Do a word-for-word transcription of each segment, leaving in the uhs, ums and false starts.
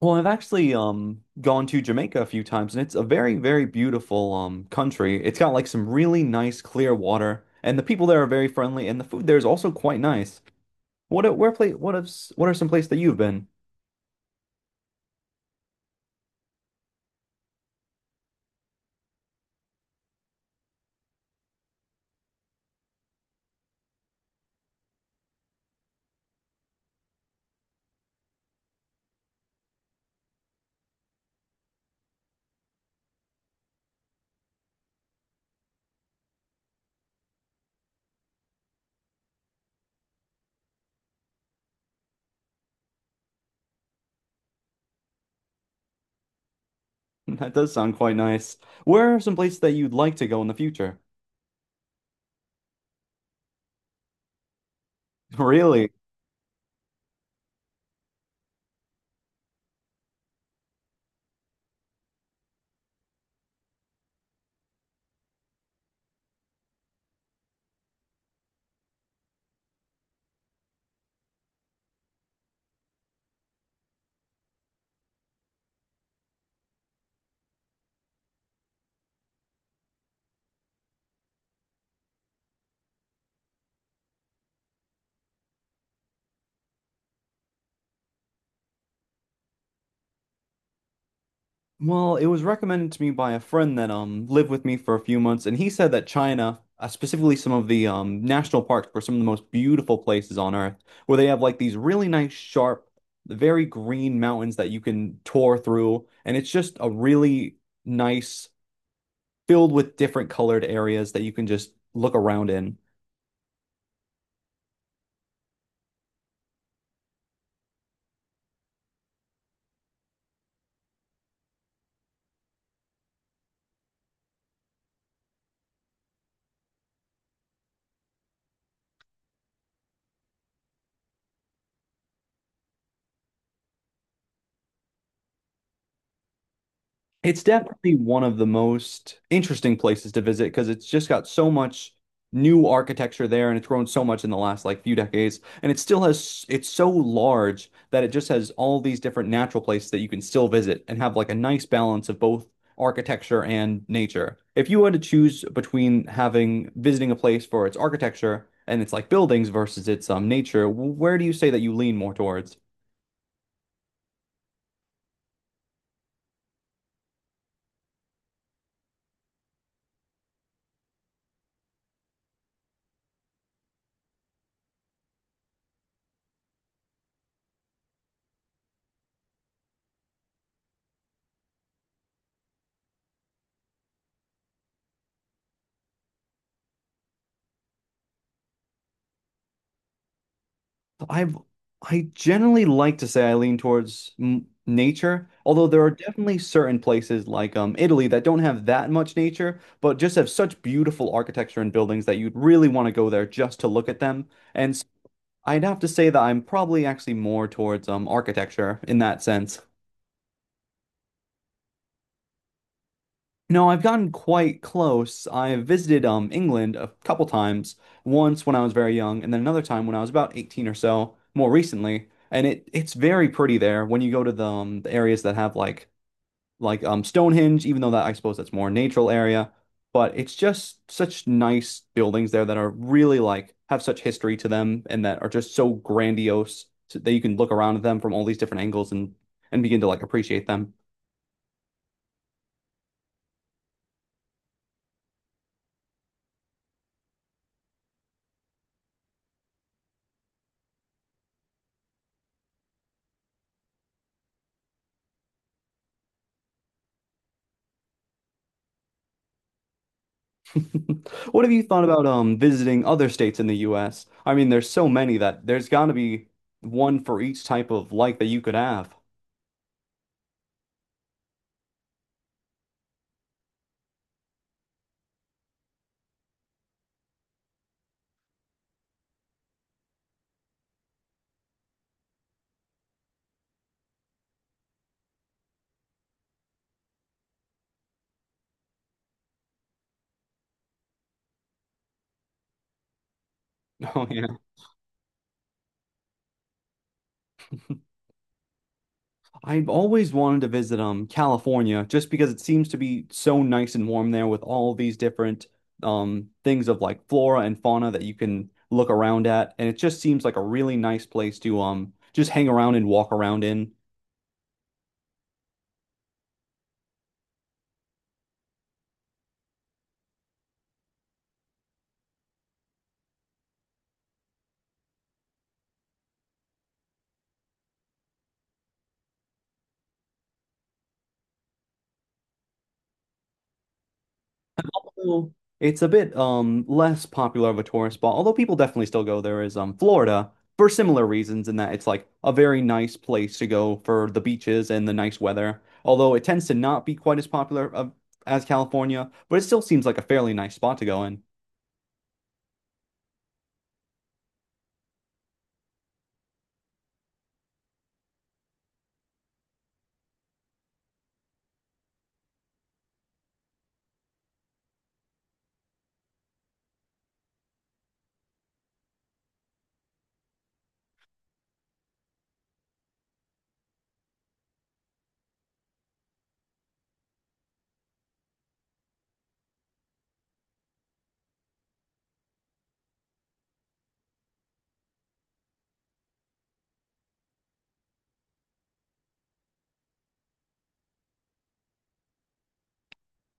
Well, I've actually um gone to Jamaica a few times, and it's a very, very beautiful um country. It's got like some really nice clear water, and the people there are very friendly, and the food there is also quite nice. What a- where place what is what are some places that you've been? That does sound quite nice. Where are some places that you'd like to go in the future? Really? Well, it was recommended to me by a friend that um lived with me for a few months, and he said that China, uh, specifically some of the um national parks, were some of the most beautiful places on Earth, where they have like these really nice, sharp, very green mountains that you can tour through, and it's just a really nice, filled with different colored areas that you can just look around in. It's definitely one of the most interesting places to visit because it's just got so much new architecture there, and it's grown so much in the last like few decades, and it still has, it's so large that it just has all these different natural places that you can still visit and have like a nice balance of both architecture and nature. If you had to choose between having visiting a place for its architecture and its like buildings versus its um nature, where do you say that you lean more towards? I've I generally like to say I lean towards m nature, although there are definitely certain places like um Italy that don't have that much nature, but just have such beautiful architecture and buildings that you'd really want to go there just to look at them. And s- I'd have to say that I'm probably actually more towards um architecture in that sense. No, I've gotten quite close. I visited um England a couple times, once when I was very young, and then another time when I was about eighteen or so, more recently. And it it's very pretty there when you go to the, um, the areas that have like like um Stonehenge, even though that I suppose that's more a natural area, but it's just such nice buildings there that are really like, have such history to them, and that are just so grandiose so that you can look around at them from all these different angles and and begin to like appreciate them. What have you thought about um visiting other states in the U S? I mean, there's so many that there's got to be one for each type of life that you could have. Oh yeah. I've always wanted to visit um California just because it seems to be so nice and warm there, with all these different um things of like flora and fauna that you can look around at, and it just seems like a really nice place to um just hang around and walk around in. Well, it's a bit um less popular of a tourist spot, although people definitely still go there, is um Florida, for similar reasons, in that it's like a very nice place to go for the beaches and the nice weather. Although it tends to not be quite as popular of, as California, but it still seems like a fairly nice spot to go in.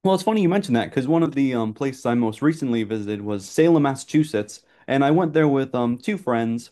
Well, it's funny you mentioned that, because one of the um places I most recently visited was Salem, Massachusetts, and I went there with um two friends.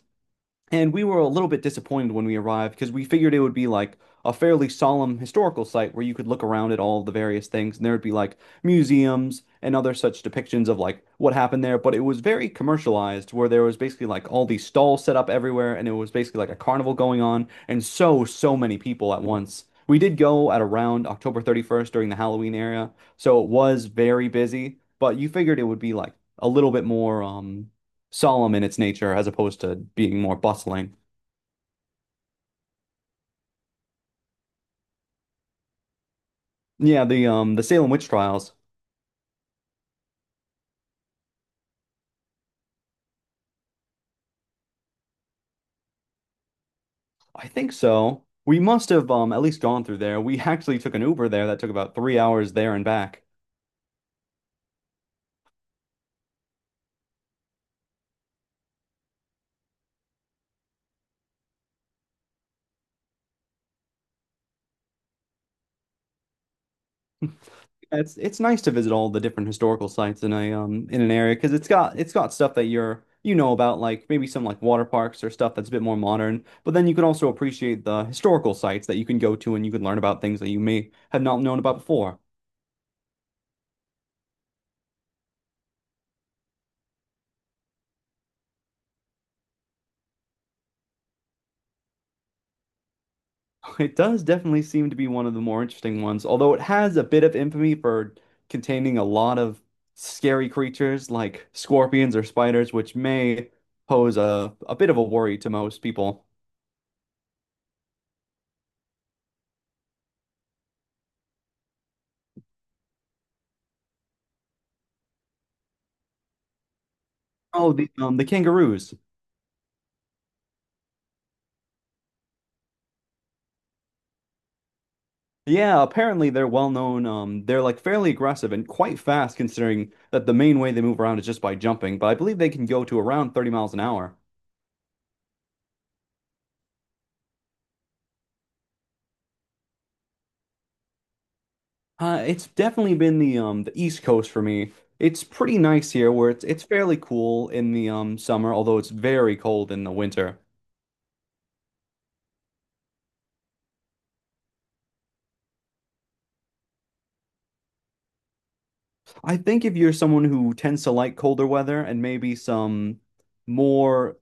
And we were a little bit disappointed when we arrived, because we figured it would be like a fairly solemn historical site where you could look around at all the various things, and there would be like museums and other such depictions of like what happened there. But it was very commercialized, where there was basically like all these stalls set up everywhere, and it was basically like a carnival going on, and so, so many people at once. We did go at around October thirty-first during the Halloween era, so it was very busy, but you figured it would be like a little bit more um solemn in its nature, as opposed to being more bustling. Yeah, the um the Salem witch trials. I think so. We must have um at least gone through there. We actually took an Uber there that took about three hours there and back. It's it's nice to visit all the different historical sites in a um in an area, because it's got it's got stuff that you're you know about, like maybe some like water parks or stuff that's a bit more modern. But then you can also appreciate the historical sites that you can go to, and you can learn about things that you may have not known about before. It does definitely seem to be one of the more interesting ones, although it has a bit of infamy for containing a lot of scary creatures like scorpions or spiders, which may pose a, a bit of a worry to most people. Oh, the um the kangaroos. Yeah, apparently they're well known. Um, they're like fairly aggressive and quite fast, considering that the main way they move around is just by jumping. But I believe they can go to around thirty miles an hour. Uh, it's definitely been the um the East Coast for me. It's pretty nice here, where it's it's fairly cool in the um summer, although it's very cold in the winter. I think if you're someone who tends to like colder weather and maybe some more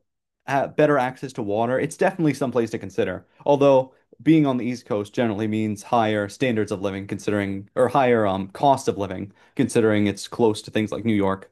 uh, better access to water, it's definitely someplace to consider. Although being on the East Coast generally means higher standards of living, considering, or higher um cost of living, considering it's close to things like New York.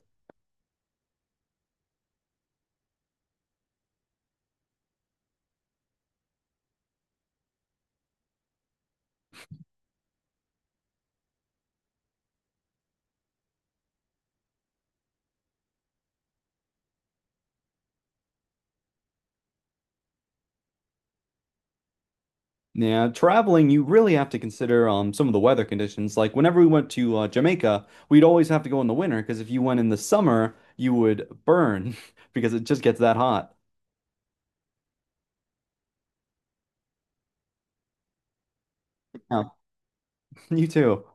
Yeah, traveling, you really have to consider um some of the weather conditions. Like whenever we went to uh, Jamaica, we'd always have to go in the winter, because if you went in the summer, you would burn because it just gets that hot. Yeah, you too.